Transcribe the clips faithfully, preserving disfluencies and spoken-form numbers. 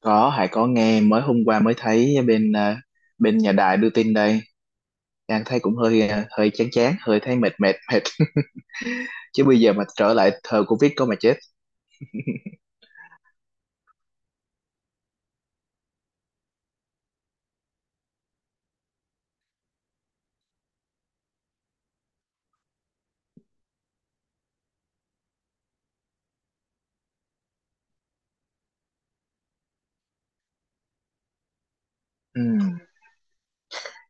Có, Hải có nghe. Mới hôm qua mới thấy bên ờ, bên nhà đài đưa tin đây. Đang thấy cũng hơi ờ, hơi chán chán, hơi thấy mệt mệt mệt. Chứ bây giờ mà trở lại thời Covid có mà chết. Ừm,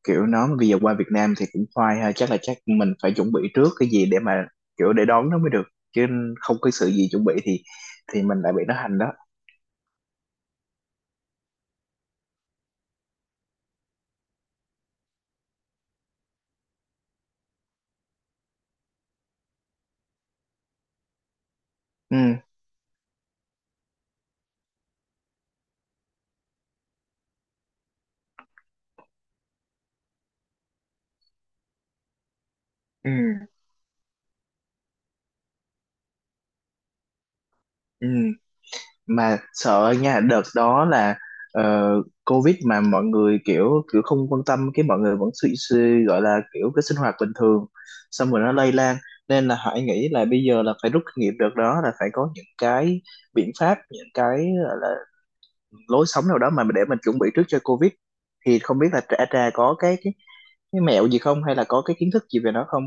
Kiểu nó bây giờ qua Việt Nam thì cũng khoai ha, chắc là chắc mình phải chuẩn bị trước cái gì để mà kiểu để đón nó mới được. Chứ không có sự gì chuẩn bị thì thì mình lại bị nó hành đó. Ừ, ừ, ừ. Mà sợ nha, đợt đó là ờ, Covid mà mọi người kiểu kiểu không quan tâm, cái mọi người vẫn suy, suy gọi là kiểu cái sinh hoạt bình thường, xong rồi nó lây lan, nên là Hải nghĩ là bây giờ là phải rút kinh nghiệm đợt đó, là phải có những cái biện pháp, những cái gọi là lối sống nào đó mà để mình chuẩn bị trước cho Covid. Thì không biết là Trà Trà có cái cái, cái mẹo gì không, hay là có cái kiến thức gì về nó không?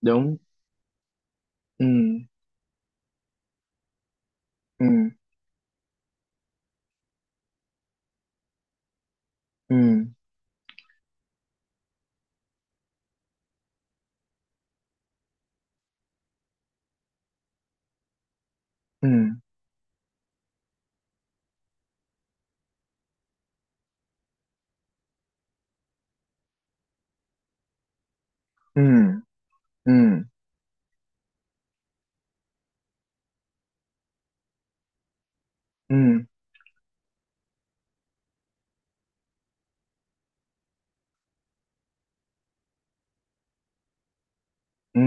Đúng. Ừ, ừ, ừ, ừ, ừ, ừ, ừ, ừ,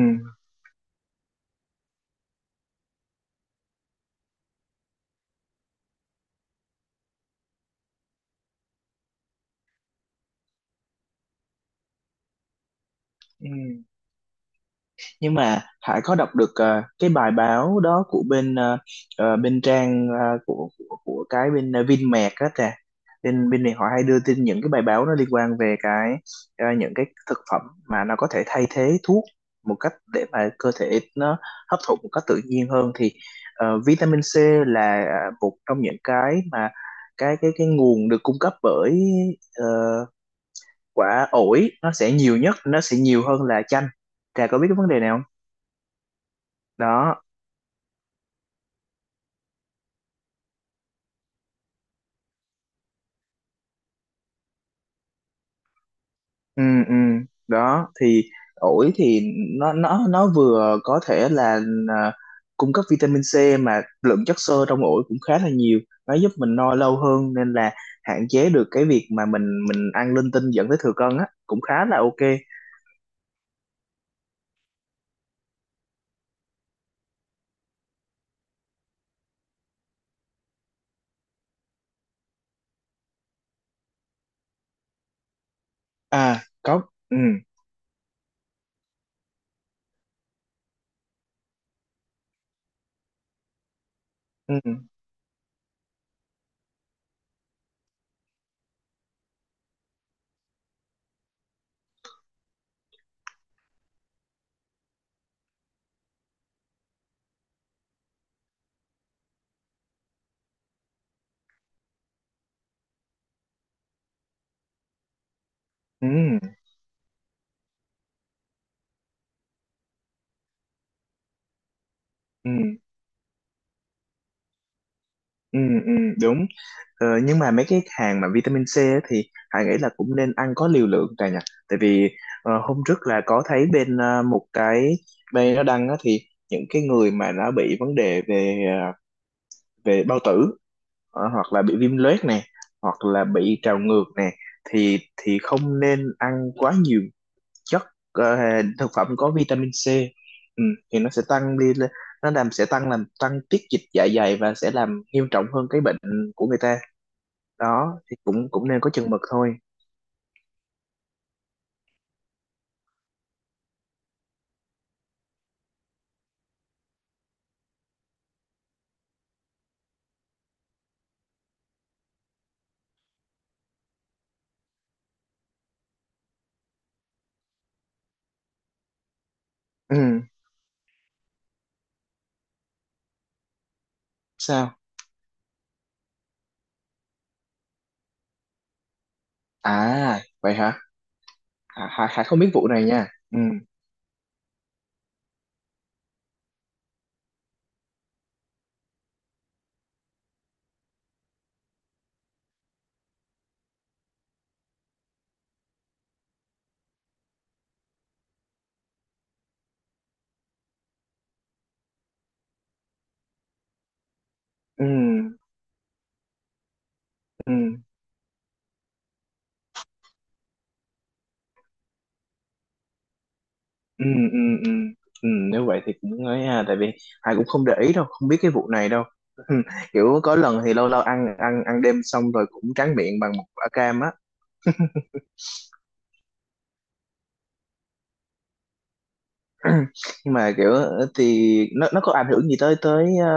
ừ, ừ. Nhưng mà Hải có đọc được ờ, cái bài báo đó của bên ờ, ờ, bên trang ờ, của, của của cái bên ờ, Vinmec đó kìa. Bên bên này họ hay đưa tin những cái bài báo nó liên quan về cái ờ, những cái thực phẩm mà nó có thể thay thế thuốc, một cách để mà cơ thể nó hấp thụ một cách tự nhiên hơn. Thì ờ, vitamin C là ờ, một trong những cái mà cái cái cái nguồn được cung cấp bởi ờ, quả ổi, nó sẽ nhiều nhất, nó sẽ nhiều hơn là chanh. Trà có biết cái vấn đề này không? Đó. Ừ, ừ. Đó thì ổi thì nó nó nó vừa có thể là à, cung cấp vitamin C, mà lượng chất xơ trong ổi cũng khá là nhiều, nó giúp mình no lâu hơn, nên là hạn chế được cái việc mà mình mình ăn linh tinh dẫn tới thừa cân á, cũng khá là ok. À, có. Ừ, ừ, ừ, ừ, ừ, ừ, ừ. Đúng. Ờ, nhưng mà mấy cái hàng mà vitamin C á thì Hải nghĩ là cũng nên ăn có liều lượng cả nhỉ. Tại vì ờ, hôm trước là có thấy bên ờ, một cái bên nó đăng á, thì những cái người mà đã bị vấn đề về ờ, về bao tử, ờ, hoặc là bị viêm loét nè, hoặc là bị trào ngược nè, thì thì không nên ăn quá nhiều chất ờ, thực phẩm có vitamin C. Ừ, thì nó sẽ tăng đi lên. Nó làm sẽ tăng làm tăng tiết dịch dạ dày và sẽ làm nghiêm trọng hơn cái bệnh của người ta. Đó thì cũng cũng nên có chừng mực thôi. Ừ. Sao? À, vậy hả? Hà, Hà, Hà không biết vụ này nha. Ừ, ừ, ừ, ừ, ừ, ừ, ừ, nếu vậy thì cũng ấy ha. Tại vì Hà cũng không để ý đâu, không biết cái vụ này đâu. Ừ. Kiểu có lần thì lâu lâu ăn ăn ăn đêm xong rồi cũng tráng miệng bằng một quả cam á. Nhưng mà kiểu thì nó nó có ảnh hưởng gì tới tới ờ,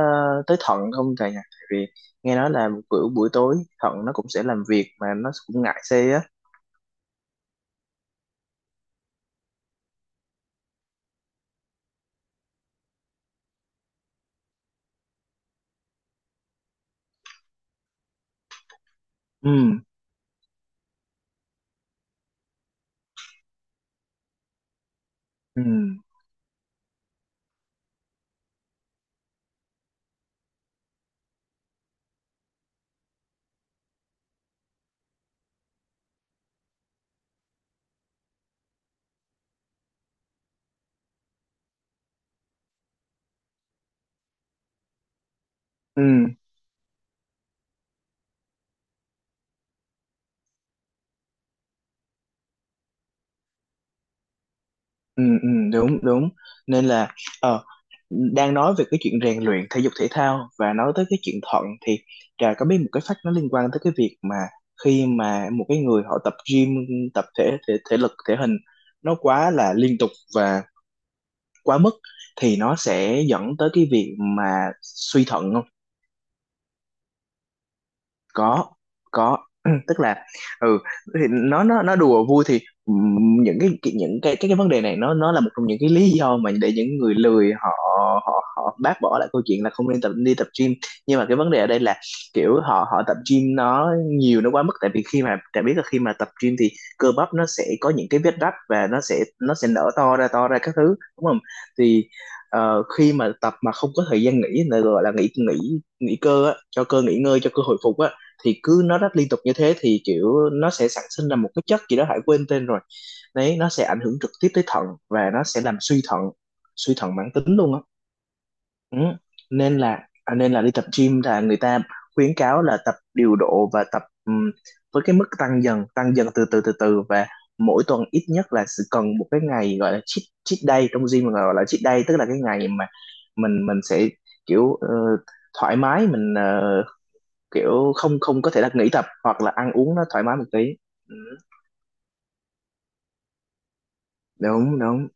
tới thận không thầy nhỉ? Tại vì nghe nói là kiểu buổi tối thận nó cũng sẽ làm việc, mà nó cũng ngại xê á. Ừ, ừ, ừ, ừ, ừ. Đúng, đúng. Nên là ờ đang nói về cái chuyện rèn luyện thể dục thể thao và nói tới cái chuyện thận thì Trà có biết một cái fact nó liên quan tới cái việc mà khi mà một cái người họ tập gym, tập thể thể, thể lực thể hình nó quá là liên tục và quá mức thì nó sẽ dẫn tới cái việc mà suy thận không? Có, có. Tức là ừ, thì nó nó nó đùa vui thì ừm, những cái cái- những cái cái cái vấn đề này nó nó là một trong những cái lý do mà để những người lười họ họ họ bác bỏ lại câu chuyện là không nên tập, đi tập gym. Nhưng mà cái vấn đề ở đây là kiểu họ họ tập gym nó nhiều, nó quá mức, tại vì khi mà đã biết là khi mà tập gym thì cơ bắp nó sẽ có những cái vết rách và nó sẽ nó sẽ nở to ra to ra các thứ, đúng không? Thì ờ, khi mà tập mà không có thời gian nghỉ, là gọi là nghỉ nghỉ nghỉ cơ á, cho cơ nghỉ ngơi, cho cơ hồi phục á, thì cứ nó rất liên tục như thế thì kiểu nó sẽ sản sinh ra một cái chất gì đó Hải quên tên rồi, đấy, nó sẽ ảnh hưởng trực tiếp tới thận và nó sẽ làm suy thận, suy thận mãn tính luôn á. Ừ. nên là à, nên là đi tập gym là người ta khuyến cáo là tập điều độ và tập ừm, với cái mức tăng dần tăng dần từ từ từ từ, và mỗi tuần ít nhất là sẽ cần một cái ngày gọi là cheat, cheat day trong gym, mà gọi là cheat day tức là cái ngày mà mình mình sẽ kiểu ờ, thoải mái, mình ờ, kiểu không không có thể là nghỉ tập hoặc là ăn uống nó thoải mái một tí. Ừ, đúng, đúng.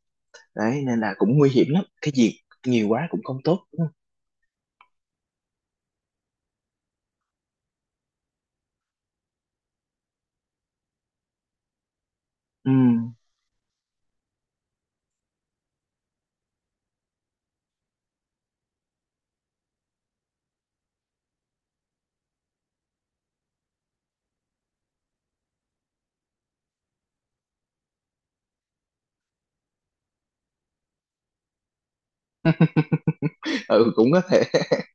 Đấy nên là cũng nguy hiểm lắm, cái gì nhiều quá cũng không tốt, đúng không? Ừ, ừ cũng có thể.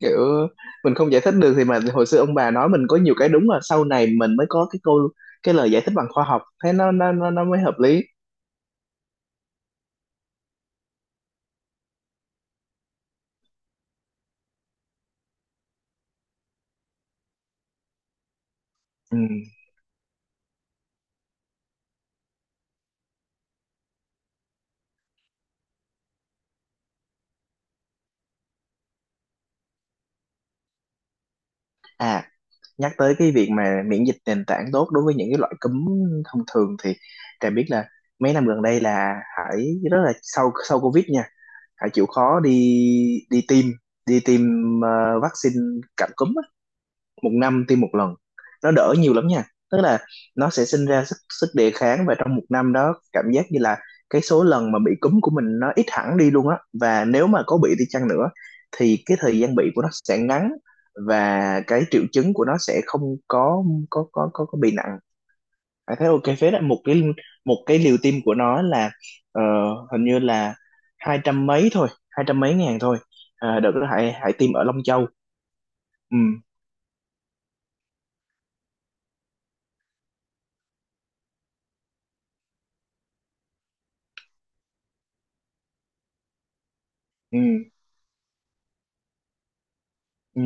Kiểu mình không giải thích được thì mà hồi xưa ông bà nói mình có nhiều cái đúng, là sau này mình mới có cái câu, cái lời giải thích bằng khoa học, thế nó nó nó, nó mới hợp lý. Ừ. À, nhắc tới cái việc mà miễn dịch nền tảng tốt đối với những cái loại cúm thông thường thì Trà biết là mấy năm gần đây là Hải rất là, sau sau Covid nha, hãy chịu khó đi đi tiêm đi tiêm ờ, vaccine cảm cúm á, một năm tiêm một lần, nó đỡ nhiều lắm nha. Tức là nó sẽ sinh ra sức sức đề kháng, và trong một năm đó cảm giác như là cái số lần mà bị cúm của mình nó ít hẳn đi luôn á, và nếu mà có bị đi chăng nữa thì cái thời gian bị của nó sẽ ngắn và cái triệu chứng của nó sẽ không có có có có, có bị nặng. À, thế ok phết đấy. Một cái một cái liều tiêm của nó là ờ, hình như là hai trăm mấy thôi hai trăm mấy ngàn thôi. À, đợt đó hãy hãy tiêm ở Long Châu. Ừ, ừ, ừ.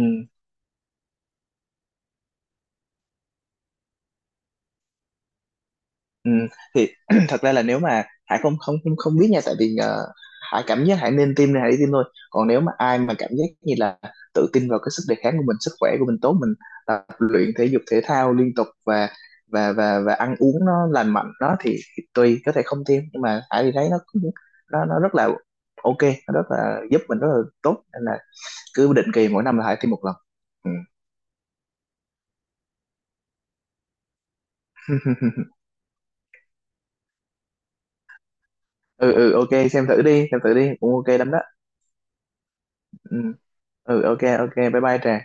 Ừ, thì thật ra là nếu mà Hải không không không không biết nha. Tại vì ờ, Hải cảm giác Hải nên tiêm thì Hải đi tiêm thôi. Còn nếu mà ai mà cảm giác như là tự tin vào cái sức đề kháng của mình, sức khỏe của mình tốt, mình tập luyện thể dục thể thao liên tục, và và và và ăn uống nó lành mạnh đó thì, thì tùy, có thể không tiêm. Nhưng mà Hải thì thấy nó cũng- nó nó rất là ok, nó rất là giúp mình rất là tốt, nên là cứ định kỳ mỗi năm là Hải tiêm một lần. Ừ. Ừ, ừ, ok xem thử đi xem thử đi, cũng ok lắm đó. Ừ. Ừ, ok, ok, bye bye Trà.